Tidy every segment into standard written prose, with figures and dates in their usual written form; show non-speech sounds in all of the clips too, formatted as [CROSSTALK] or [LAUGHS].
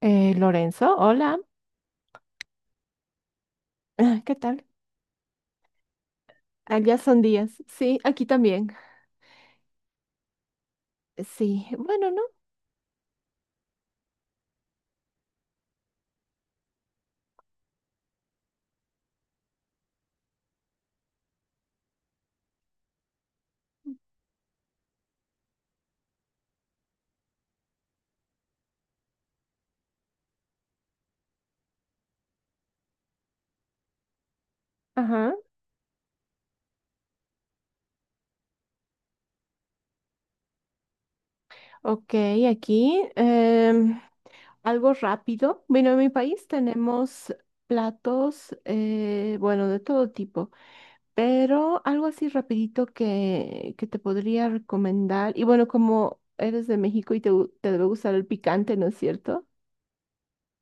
Lorenzo, hola. Ah, ¿qué tal? Allá son días. Sí, aquí también. Sí, bueno, ¿no? Ajá. Ok, aquí algo rápido. Bueno, en mi país tenemos platos, bueno, de todo tipo, pero algo así rapidito que te podría recomendar. Y bueno, como eres de México y te, te debe gustar el picante, ¿no es cierto?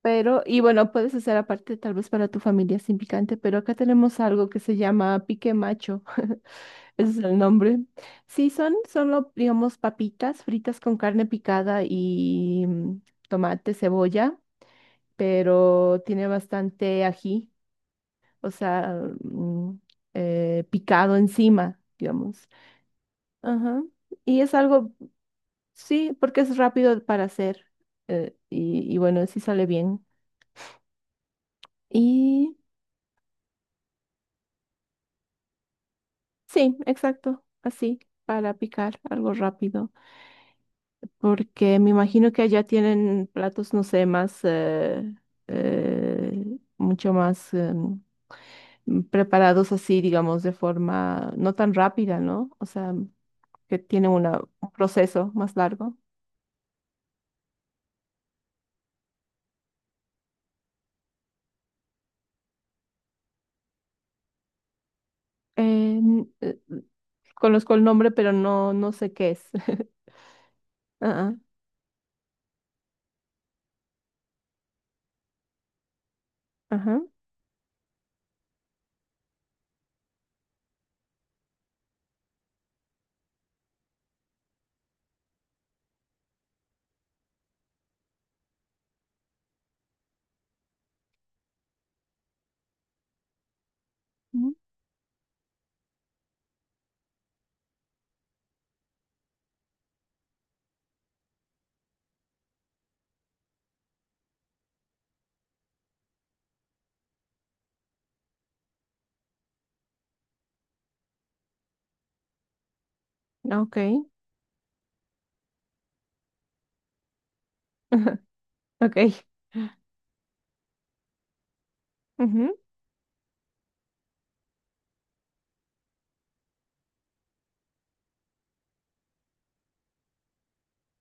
Pero, y bueno, puedes hacer aparte tal vez para tu familia sin picante, pero acá tenemos algo que se llama pique macho. [LAUGHS] Ese es el nombre. Sí, son solo, digamos, papitas fritas con carne picada y tomate, cebolla, pero tiene bastante ají, o sea, picado encima, digamos. Ajá. Y es algo, sí, porque es rápido para hacer y bueno, sí sale bien. Y... Sí, exacto, así, para picar algo rápido, porque me imagino que allá tienen platos, no sé, más, mucho más preparados así, digamos, de forma no tan rápida, ¿no? O sea, que tienen una, un proceso más largo. Eh, n- eh, conozco el nombre, pero no, no sé qué es. [LAUGHS] Ah, ah, ajá, mm, ok, [LAUGHS] ok, ujú,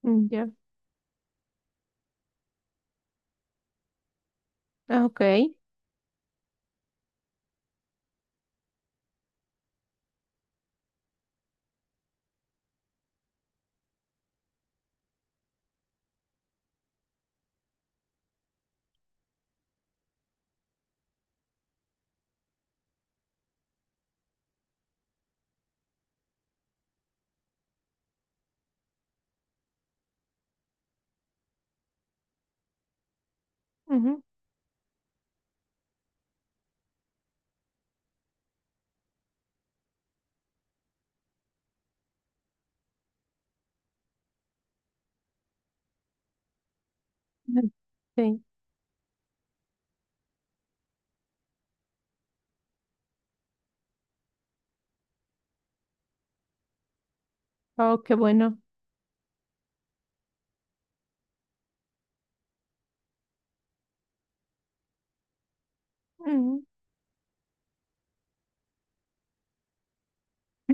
ya, ah, ok. Mm. Sí. Oh, qué bueno. Mm,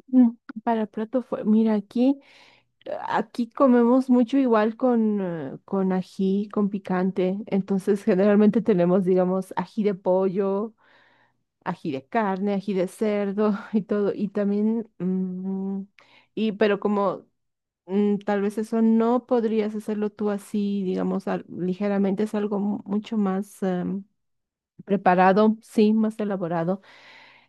mm. Para el plato fue, mira, aquí, aquí comemos mucho igual con ají, con picante. Entonces, generalmente tenemos, digamos, ají de pollo, ají de carne, ají de cerdo [LAUGHS] y todo. Y también, y, pero como tal vez eso no podrías hacerlo tú así, digamos, ligeramente, es algo mucho más preparado, sí, más elaborado.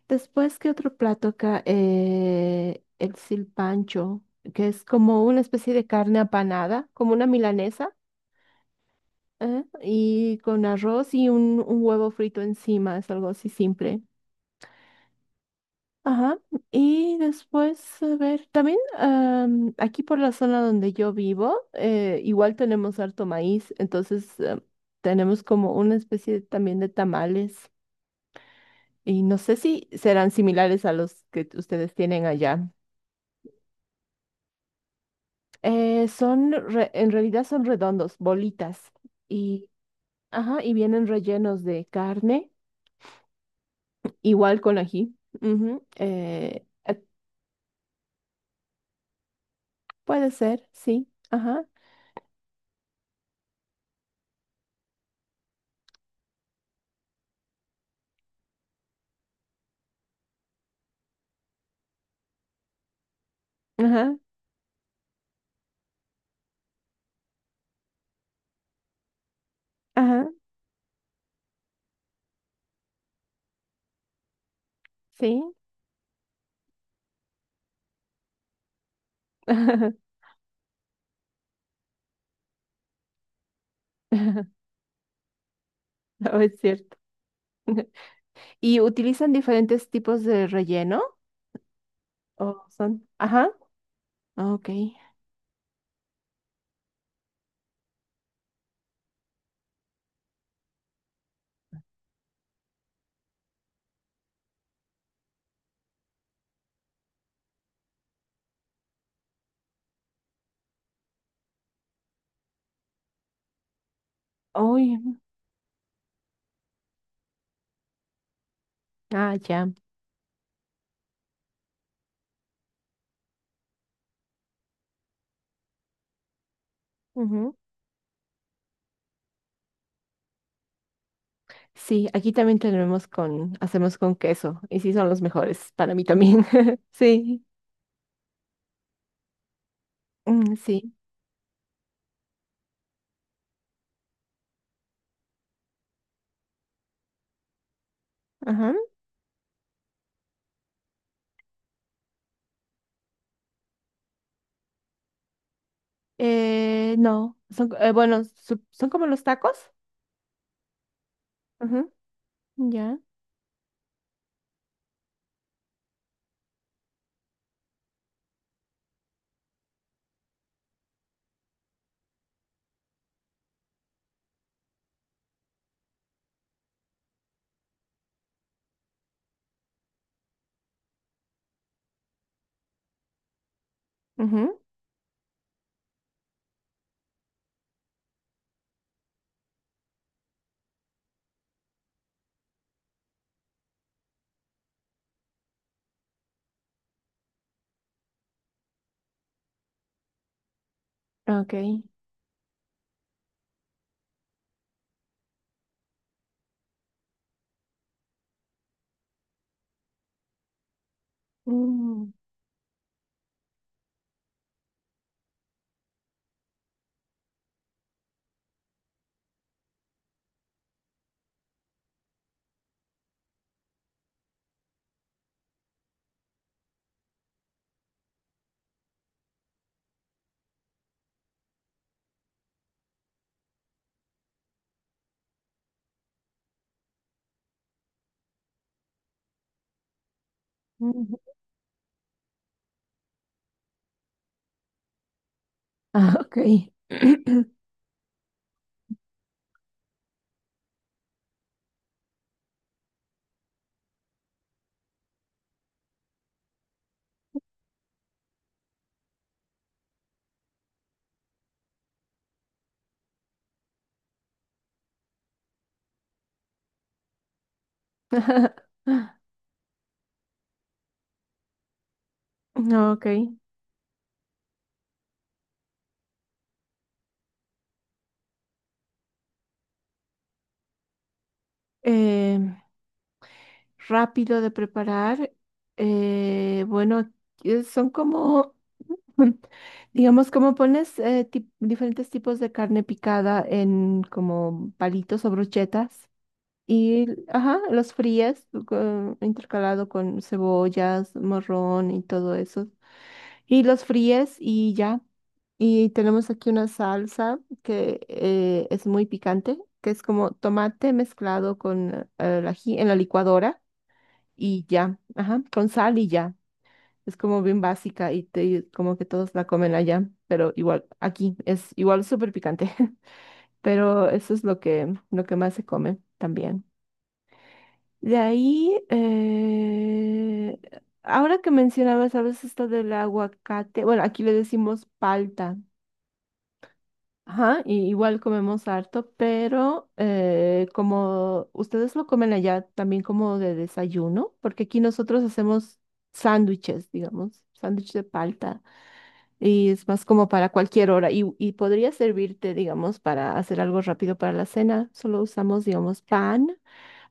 Después, ¿qué otro plato acá? El silpancho, que es como una especie de carne apanada, como una milanesa, ¿eh? Y con arroz y un huevo frito encima, es algo así simple. Ajá. Y después, a ver, también aquí por la zona donde yo vivo, igual tenemos harto maíz, entonces tenemos como una especie también de tamales. Y no sé si serán similares a los que ustedes tienen allá. Son, en realidad son redondos, bolitas, y, ajá, y vienen rellenos de carne, igual con ají. Ujú, puede ser, sí, ajá, ajá, ajá, sí, [LAUGHS] ajá, no es cierto. [LAUGHS] ¿Y utilizan diferentes tipos de relleno? ¿O son? Ajá, ok. Uy, ah, ya. Ujú. Sí, aquí también tenemos con, hacemos con queso, y sí son los mejores para mí también. [LAUGHS] Sí. Mm. Sí. Ajá. No, son, bueno, son como los tacos. Ajá. Ya. Ajá. Ok. Mm, mm. Ah, ok. [CLEARS THROAT] No, ok. Em, rápido de preparar. Bueno, son como, [LAUGHS] digamos, como pones diferentes tipos de carne picada en como palitos o brochetas. Y, ajá, los frías intercalado con cebollas, morrón y todo eso. Y los fríes y ya. Y tenemos aquí una salsa que es muy picante, que es como tomate mezclado con el ají en la licuadora y ya, ajá, con sal y ya. Es como bien básica y como que todos la comen allá, pero igual aquí es igual súper picante. [LAUGHS] Pero eso es lo que más se come también. De ahí, ahora que mencionabas, ¿sabes esto del aguacate? Bueno, aquí le decimos palta. Ajá, y igual comemos harto, pero como ustedes lo comen allá también como de desayuno, porque aquí nosotros hacemos sándwiches, digamos, sándwich de palta, y es más como para cualquier hora, y podría servirte, digamos, para hacer algo rápido para la cena. Solo usamos, digamos, pan,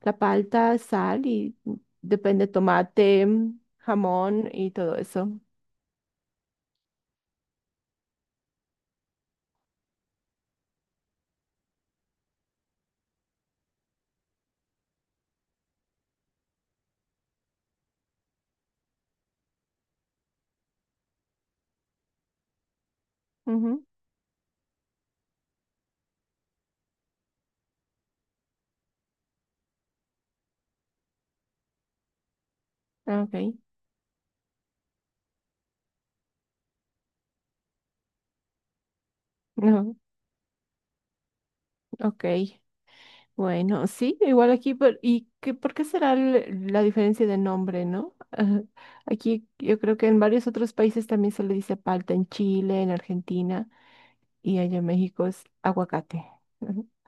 la palta, sal y depende tomate, jamón y todo eso. Ujú, ah, ok, [LAUGHS] no, ok. Bueno, sí, igual aquí, ¿y qué, por qué será la diferencia de nombre, no? [LAUGHS] Ajá. Aquí yo creo que en varios otros países también se le dice palta, en Chile, en Argentina, y allá en México es aguacate. Ajá.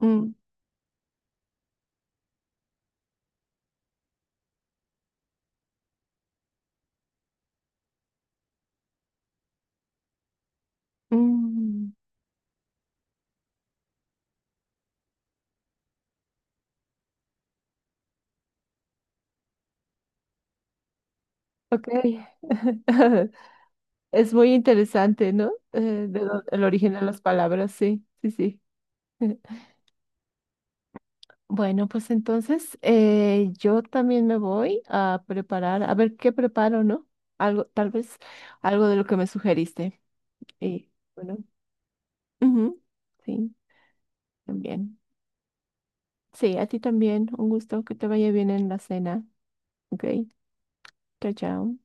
Mm, mm, ok, [LAUGHS] es muy interesante, ¿no? El origen de las palabras, sí, sí, sí. [LAUGHS] Bueno, pues entonces yo también me voy a preparar, a ver qué preparo, ¿no? Algo, tal vez algo de lo que me sugeriste. Y bueno, ujú, sí, también. Sí, a ti también. Un gusto que te vaya bien en la cena. Ok, chao, chao.